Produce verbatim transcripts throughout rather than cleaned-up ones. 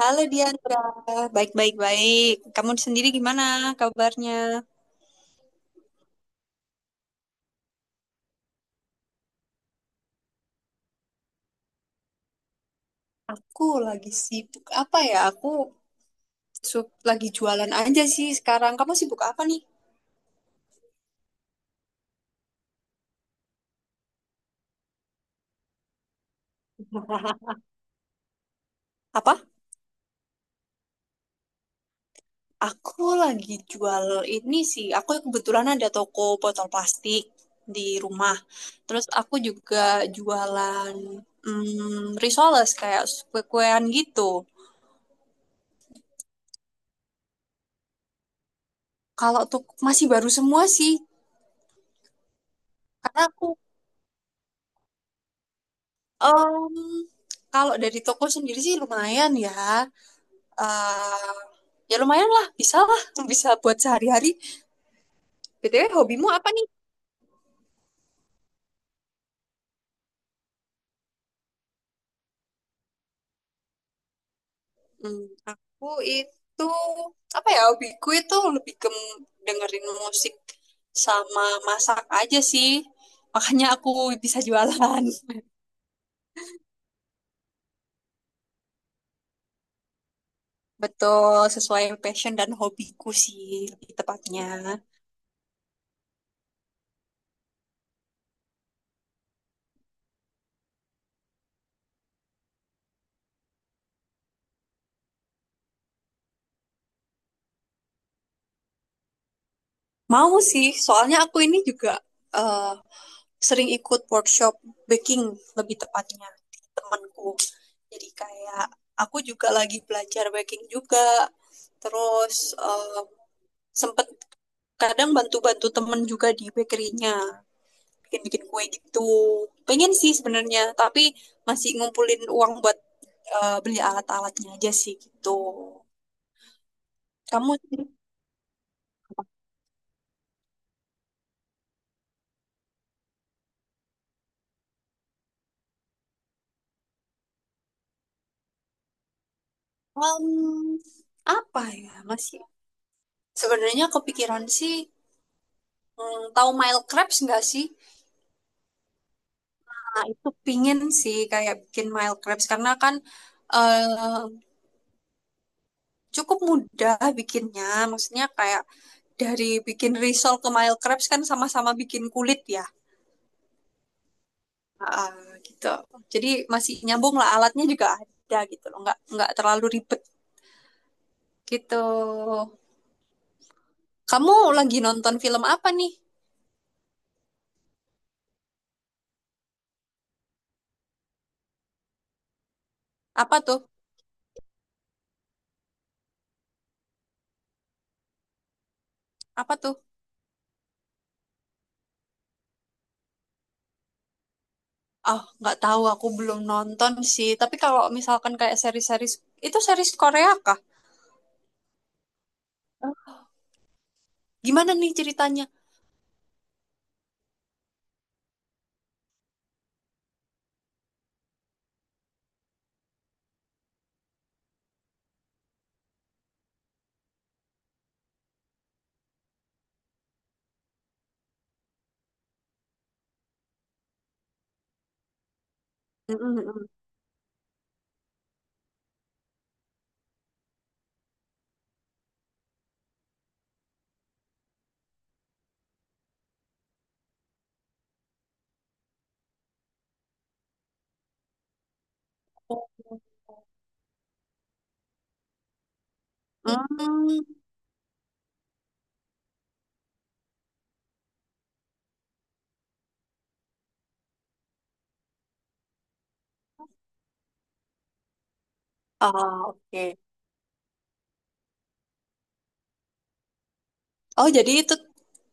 Halo Diandra, baik-baik-baik. Kamu sendiri gimana kabarnya? Aku lagi sibuk apa ya? Aku su- lagi jualan aja sih sekarang. Kamu sibuk apa nih? Apa? Aku lagi jual ini sih. Aku kebetulan ada toko botol plastik di rumah. Terus aku juga jualan mm, risoles kayak kue-kuean gitu. Kalau tuh masih baru semua sih. Karena aku Em, kalau dari toko sendiri sih lumayan ya. Eh, ya lumayan lah, bisa lah, bisa buat sehari-hari. B T W hobimu apa nih? Hmm, aku itu apa ya? Hobiku itu lebih ke m- dengerin musik sama masak aja sih. Makanya aku bisa jualan. Betul, sesuai passion dan hobiku sih lebih tepatnya. Mau sih, soalnya aku ini juga eh, sering ikut workshop baking lebih tepatnya di temanku. Jadi kayak aku juga lagi belajar baking juga. Terus em, sempet kadang bantu-bantu temen juga di bakerynya bikin-bikin kue gitu. Pengen sih sebenarnya, tapi masih ngumpulin uang buat eh, beli alat-alatnya aja sih gitu. Kamu em, apa ya masih sebenarnya kepikiran sih, hmm, tahu Mile Crabs nggak sih? Nah, itu pingin sih kayak bikin mild crepes karena kan eh, cukup mudah bikinnya. Maksudnya kayak dari bikin risol ke mild crepes kan sama-sama bikin kulit ya. Ah, gitu. Jadi masih nyambung lah, alatnya juga ada gitu loh. Nggak, nggak terlalu ribet gitu. Kamu lagi nonton film apa nih? Apa tuh? Apa tuh? Oh, nggak tahu, aku belum nonton sih. Tapi kalau misalkan kayak seri-seri itu, series Korea kah? Gimana nih ceritanya? Hmm. Ah, oke. Oh, jadi itu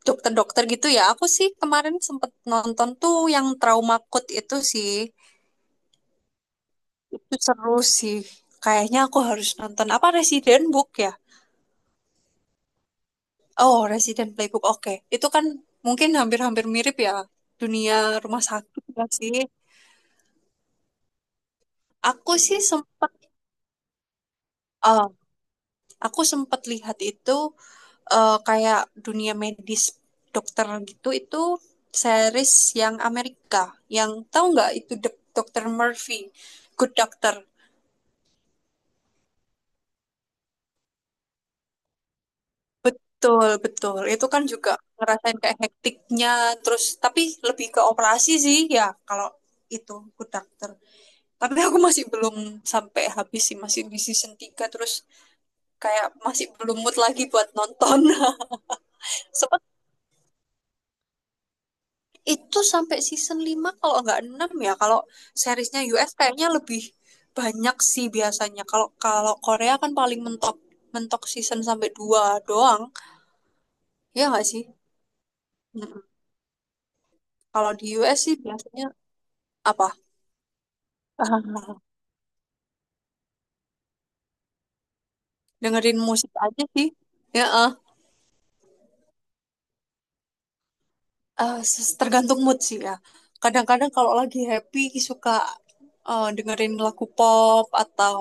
dokter-dokter gitu ya. Aku sih kemarin sempet nonton tuh yang Trauma Code itu sih. Itu seru sih. Kayaknya aku harus nonton apa, Resident Book ya? Oh, Resident Playbook. Oke. Itu kan mungkin hampir-hampir mirip ya, dunia rumah sakit ya sih. Aku sih sempet eh, aku sempet lihat itu, eh, kayak dunia medis dokter gitu, itu series yang Amerika, yang tahu nggak itu Dok- doctor Murphy, Good Doctor. Betul, betul, itu kan juga ngerasain kayak hektiknya, terus tapi lebih ke operasi sih ya kalau itu Good Doctor. Tapi aku masih belum sampai habis sih, masih di season tiga, terus kayak masih belum mood lagi buat nonton. Itu sampai season lima kalau nggak enam ya. Kalau seriesnya U S kayaknya lebih banyak sih biasanya. Kalau kalau Korea kan paling mentok mentok season sampai dua doang. Ya nggak sih? Mm-mm. Kalau di U S sih biasanya apa? Dengerin musik aja sih. Ya, eh. Eh, ses- tergantung mood sih ya. Kadang-kadang kalau lagi happy suka eh, dengerin lagu pop, atau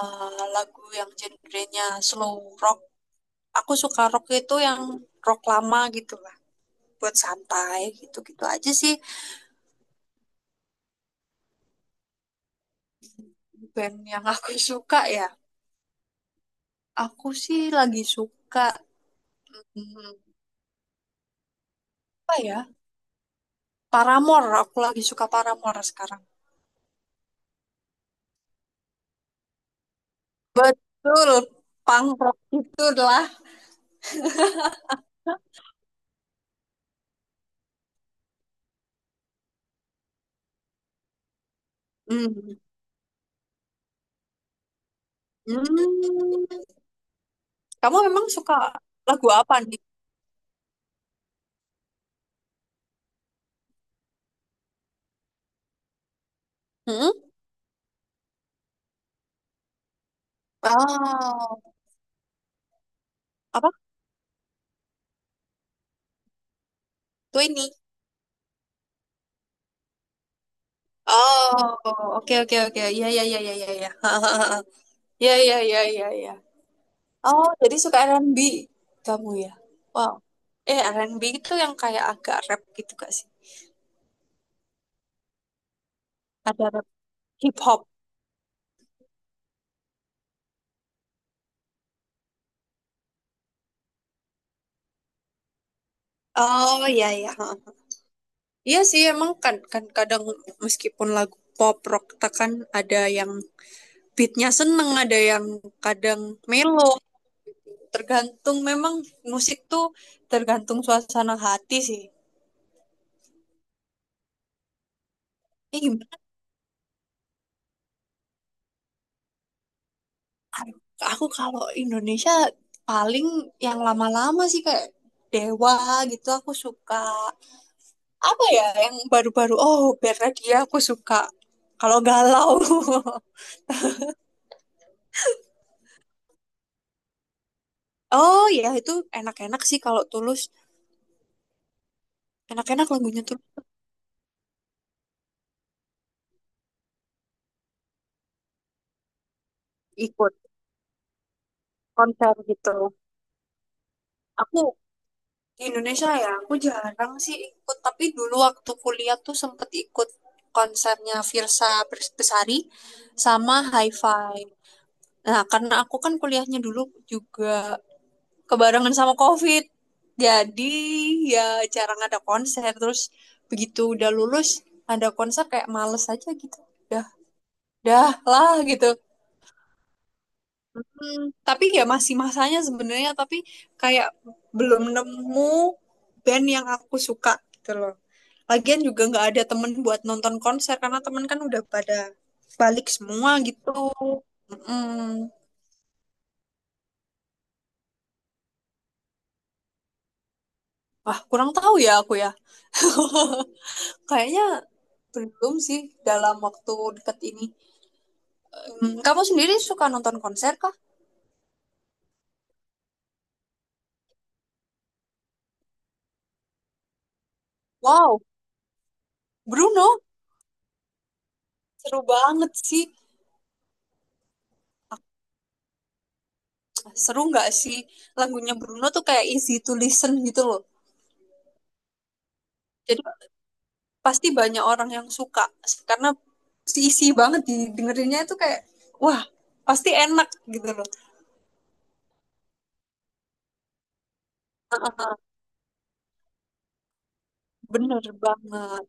eh, lagu yang genrenya slow rock. Aku suka rock, itu yang rock lama gitu lah, buat santai gitu-gitu aja sih. Band yang aku suka ya, aku sih lagi suka, hmm, apa ya, Paramore. Aku lagi suka Paramore sekarang. Betul, punk rock itu lah hmm. Hmm. Kamu memang suka lagu apa nih hmm? Oh, apa? Twenty? Oh, oke, oke, oke, iya, iya, iya, iya, iya. Iya, iya, iya, iya, iya. Oh, jadi suka R and B kamu ya? Wow. Eh, R and B itu yang kayak agak rap gitu gak sih? Ada rap hip hop. Oh, iya iya. Heeh. Iya sih, emang kan kan kadang, meskipun lagu pop rock tak kan, ada yang beatnya seneng, ada yang kadang melo. Tergantung, memang musik tuh tergantung suasana hati sih. Ini gimana? Aduh, aku kalau Indonesia paling yang lama-lama sih kayak Dewa gitu aku suka. Apa ya yang baru-baru, oh Bernadia aku suka kalau galau. Oh ya, itu enak-enak sih kalau Tulus, enak-enak lagunya tuh. Ikut konser gitu. Aku di Indonesia ya, aku jarang sih ikut, tapi dulu waktu kuliah tuh sempet ikut konsernya Virsa Bes- Besari sama Hi-Fi. Nah, karena aku kan kuliahnya dulu juga kebarengan sama COVID. Jadi ya jarang ada konser. Terus begitu udah lulus, ada konser kayak males aja gitu. Dah, dah lah gitu. Hmm, tapi ya masih masanya sebenarnya, tapi kayak belum nemu band yang aku suka gitu loh. Lagian juga nggak ada temen buat nonton konser karena temen kan udah pada balik semua gitu. Mm-mm. Wah, kurang tahu ya aku ya. Kayaknya belum sih dalam waktu dekat ini. Hmm, Kamu sendiri suka nonton konser kah? Wow, Bruno, seru banget sih. Seru nggak sih? Lagunya Bruno tuh kayak easy to listen gitu loh. Jadi pasti banyak orang yang suka, karena isi banget didengerinnya itu kayak wah, pasti enak gitu loh. Bener banget.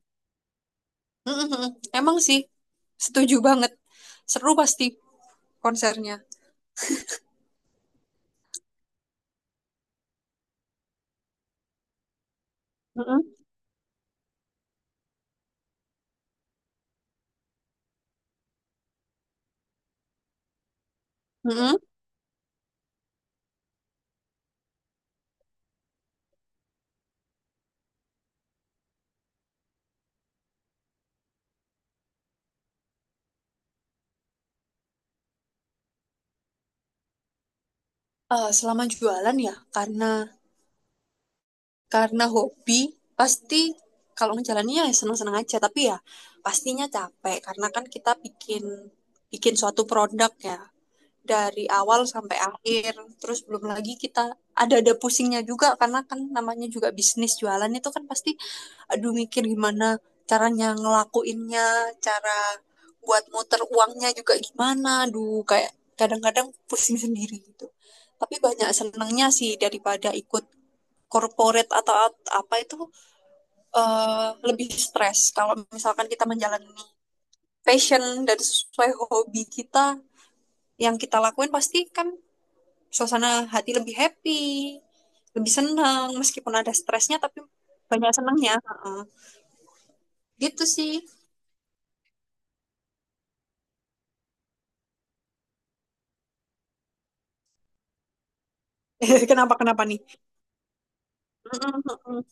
Mm-mm-mm. Emang sih, setuju banget. Seru pasti konsernya. Mm-mm. Mm-mm. Eh, selama jualan ya, karena karena hobi, pasti kalau ngejalannya ya seneng-seneng aja, tapi ya pastinya capek karena kan kita bikin bikin suatu produk ya, dari awal sampai akhir. Terus belum lagi kita ada ada pusingnya juga, karena kan namanya juga bisnis jualan itu kan pasti, aduh, mikir gimana caranya ngelakuinnya, cara buat muter uangnya juga gimana, aduh, kayak kadang-kadang pusing sendiri gitu. Tapi banyak senangnya sih daripada ikut corporate atau apa itu, eh, lebih stres. Kalau misalkan kita menjalani passion dan sesuai hobi kita yang kita lakuin, pasti kan suasana hati lebih happy, lebih senang, meskipun ada stresnya tapi banyak senangnya. Heeh. Gitu sih. Kenapa kenapa nih? Mm-mm.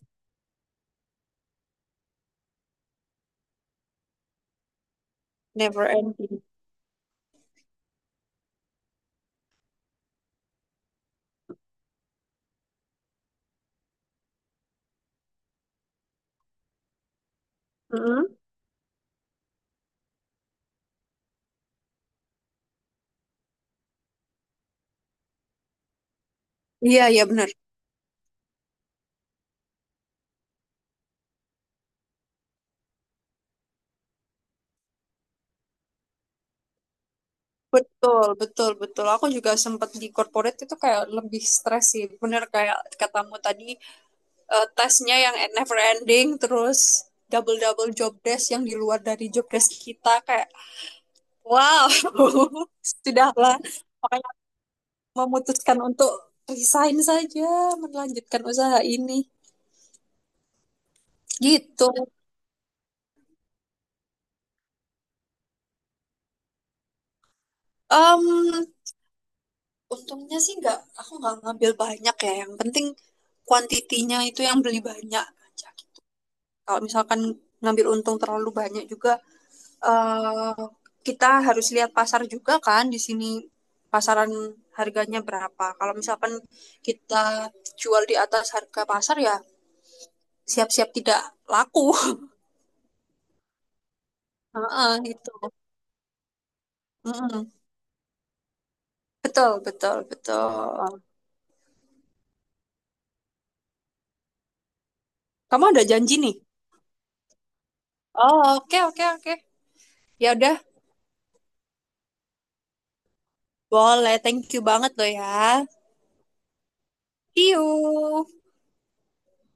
Never ending. Mm-mm. Iya iya benar. Betul, betul, betul. Aku juga sempat di corporate itu kayak lebih stres sih. Bener kayak katamu tadi, eh, tesnya yang never ending, terus double double job desk yang di luar dari job desk kita, kayak wow. Sudahlah, makanya memutuskan untuk resign saja, melanjutkan usaha ini gitu. Um untungnya sih nggak, aku nggak ngambil banyak ya, yang penting kuantitinya itu yang beli banyak aja. Kalau misalkan ngambil untung terlalu banyak juga, eh, kita harus lihat pasar juga kan, di sini pasaran harganya berapa. Kalau misalkan kita jual di atas harga pasar, ya siap-siap tidak laku. Heeh, gitu. Mm-mm. Betul, betul, betul. Kamu ada janji nih? Oh, oke, oke, oke. Ya udah, boleh. Thank you banget loh ya. See you.